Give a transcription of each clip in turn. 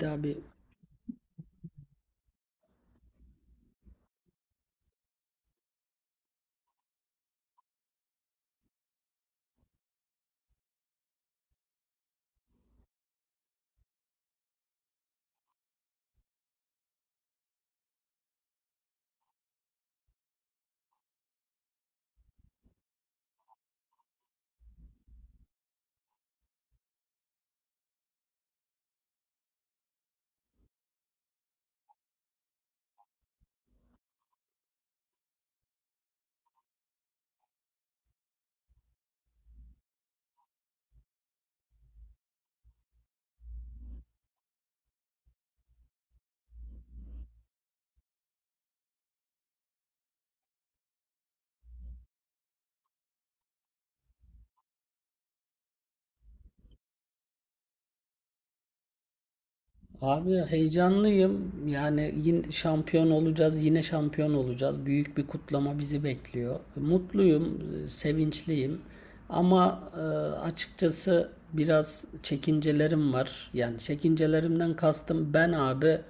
Daha bir Abi heyecanlıyım. Yani yine şampiyon olacağız, yine şampiyon olacağız. Büyük bir kutlama bizi bekliyor. Mutluyum, sevinçliyim. Ama açıkçası biraz çekincelerim var. Yani çekincelerimden kastım ben abi,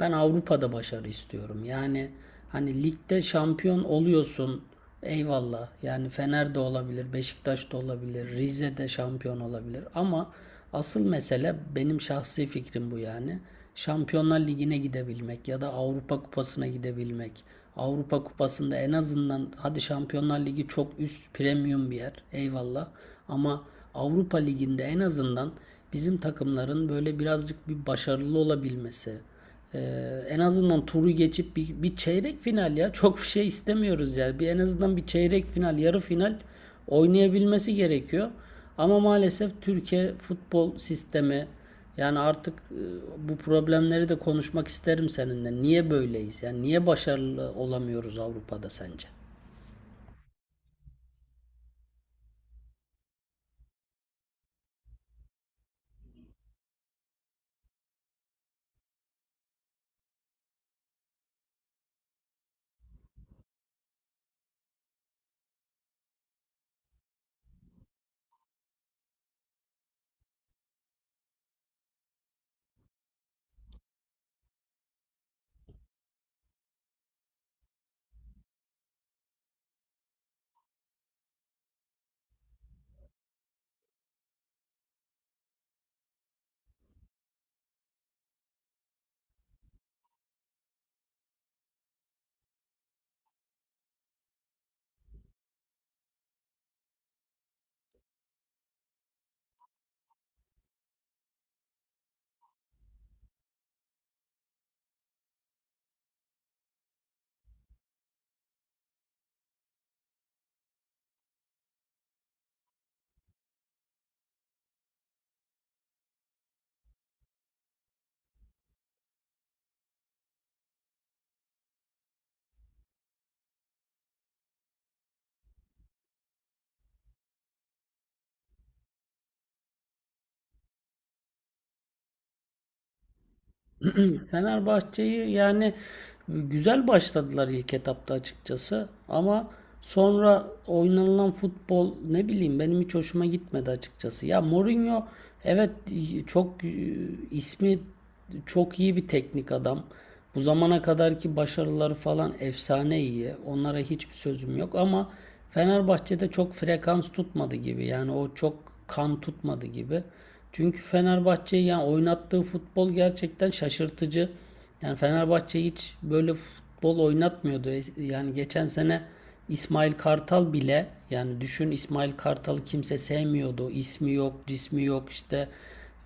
ben Avrupa'da başarı istiyorum. Yani hani ligde şampiyon oluyorsun. Eyvallah. Yani Fener de olabilir, Beşiktaş da olabilir, Rize de şampiyon olabilir. Ama asıl mesele benim şahsi fikrim bu yani. Şampiyonlar Ligi'ne gidebilmek ya da Avrupa Kupası'na gidebilmek. Avrupa Kupası'nda en azından hadi Şampiyonlar Ligi çok üst premium bir yer. Eyvallah. Ama Avrupa Ligi'nde en azından bizim takımların böyle birazcık bir başarılı olabilmesi, en azından turu geçip bir çeyrek final ya. Çok bir şey istemiyoruz yani. Bir en azından bir çeyrek final, yarı final oynayabilmesi gerekiyor. Ama maalesef Türkiye futbol sistemi yani artık bu problemleri de konuşmak isterim seninle. Niye böyleyiz? Yani niye başarılı olamıyoruz Avrupa'da sence? Fenerbahçe'yi yani güzel başladılar ilk etapta açıkçası ama sonra oynanılan futbol ne bileyim benim hiç hoşuma gitmedi açıkçası. Ya Mourinho evet çok ismi çok iyi bir teknik adam. Bu zamana kadarki başarıları falan efsane iyi. Onlara hiçbir sözüm yok ama Fenerbahçe'de çok frekans tutmadı gibi. Yani o çok kan tutmadı gibi. Çünkü Fenerbahçe'yi yani oynattığı futbol gerçekten şaşırtıcı. Yani Fenerbahçe hiç böyle futbol oynatmıyordu. Yani geçen sene İsmail Kartal bile yani düşün İsmail Kartal'ı kimse sevmiyordu. İsmi yok, cismi yok işte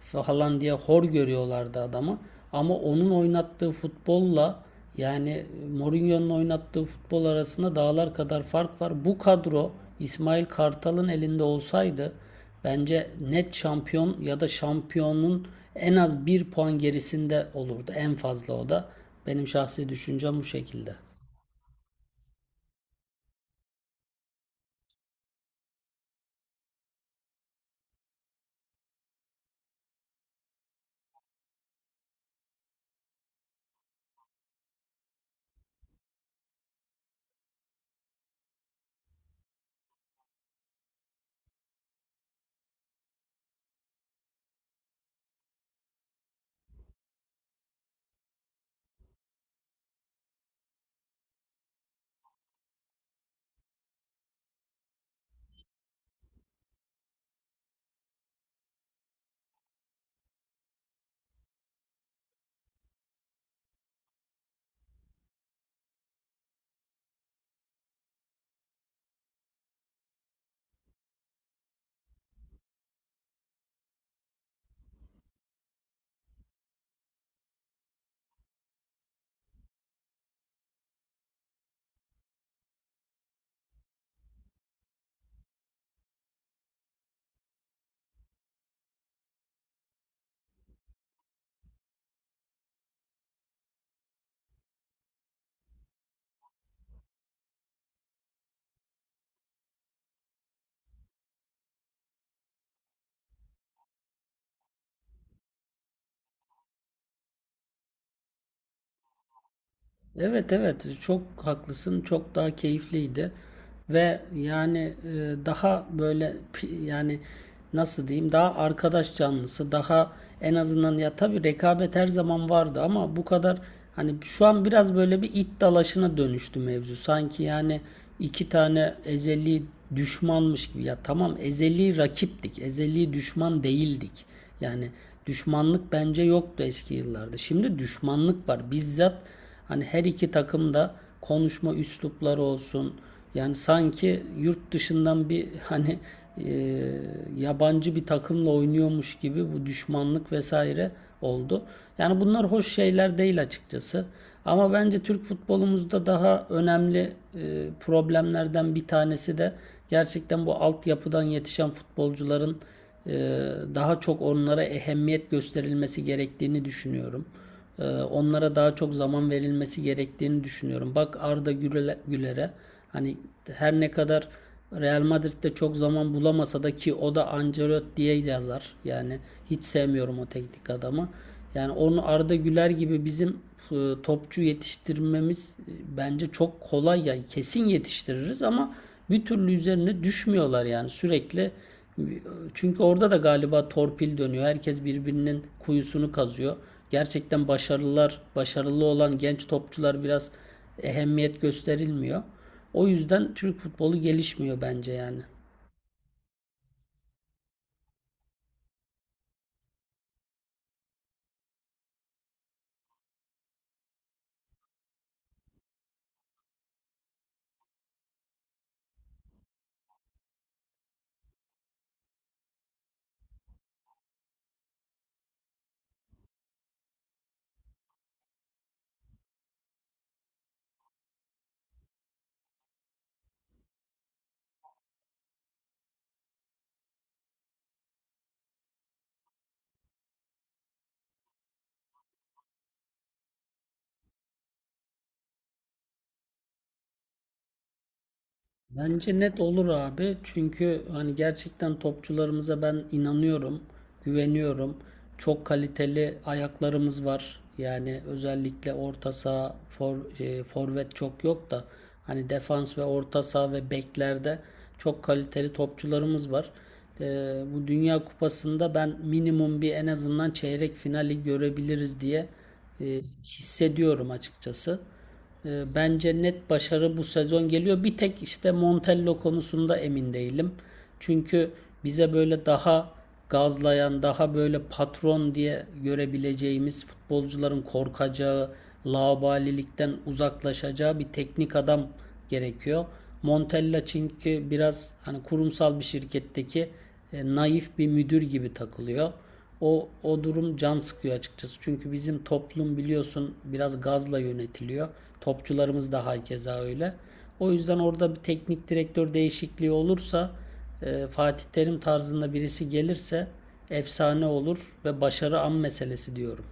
falan diye hor görüyorlardı adamı. Ama onun oynattığı futbolla yani Mourinho'nun oynattığı futbol arasında dağlar kadar fark var. Bu kadro İsmail Kartal'ın elinde olsaydı bence net şampiyon ya da şampiyonun en az bir puan gerisinde olurdu. En fazla o da. Benim şahsi düşüncem bu şekilde. Evet evet çok haklısın çok daha keyifliydi ve yani daha böyle yani nasıl diyeyim daha arkadaş canlısı daha en azından ya tabii rekabet her zaman vardı ama bu kadar hani şu an biraz böyle bir it dalaşına dönüştü mevzu sanki yani iki tane ezeli düşmanmış gibi ya tamam ezeli rakiptik ezeli düşman değildik yani düşmanlık bence yoktu eski yıllarda şimdi düşmanlık var bizzat. Hani her iki takım da konuşma üslupları olsun. Yani sanki yurt dışından bir hani e, yabancı bir takımla oynuyormuş gibi bu düşmanlık vesaire oldu. Yani bunlar hoş şeyler değil açıkçası. Ama bence Türk futbolumuzda daha önemli problemlerden bir tanesi de gerçekten bu altyapıdan yetişen futbolcuların e, daha çok onlara ehemmiyet gösterilmesi gerektiğini düşünüyorum. Onlara daha çok zaman verilmesi gerektiğini düşünüyorum. Bak Arda Güler'e, hani her ne kadar Real Madrid'de çok zaman bulamasa da ki o da Ancelotti'ye yazar. Yani hiç sevmiyorum o teknik adamı. Yani onu Arda Güler gibi bizim topçu yetiştirmemiz bence çok kolay yani kesin yetiştiririz ama bir türlü üzerine düşmüyorlar yani sürekli çünkü orada da galiba torpil dönüyor. Herkes birbirinin kuyusunu kazıyor gerçekten başarılılar, başarılı olan genç topçular biraz ehemmiyet gösterilmiyor. O yüzden Türk futbolu gelişmiyor bence yani. Bence net olur abi. Çünkü hani gerçekten topçularımıza ben inanıyorum, güveniyorum. Çok kaliteli ayaklarımız var. Yani özellikle orta saha, forvet çok yok da hani defans ve orta saha ve beklerde çok kaliteli topçularımız var. E, Bu Dünya Kupası'nda ben minimum bir en azından çeyrek finali görebiliriz diye hissediyorum açıkçası. Bence net başarı bu sezon geliyor. Bir tek işte Montella konusunda emin değilim. Çünkü bize böyle daha gazlayan, daha böyle patron diye görebileceğimiz futbolcuların korkacağı, laubalilikten uzaklaşacağı bir teknik adam gerekiyor. Montella çünkü biraz hani kurumsal bir şirketteki naif bir müdür gibi takılıyor. O durum can sıkıyor açıkçası. Çünkü bizim toplum biliyorsun biraz gazla yönetiliyor. Topçularımız da hakeza öyle. O yüzden orada bir teknik direktör değişikliği olursa Fatih Terim tarzında birisi gelirse efsane olur ve başarı an meselesi diyorum.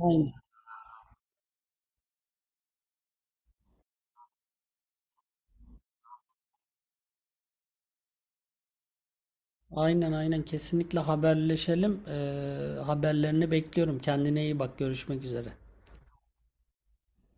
Aynen. Aynen, aynen, kesinlikle haberleşelim. Haberlerini bekliyorum. Kendine iyi bak. Görüşmek üzere.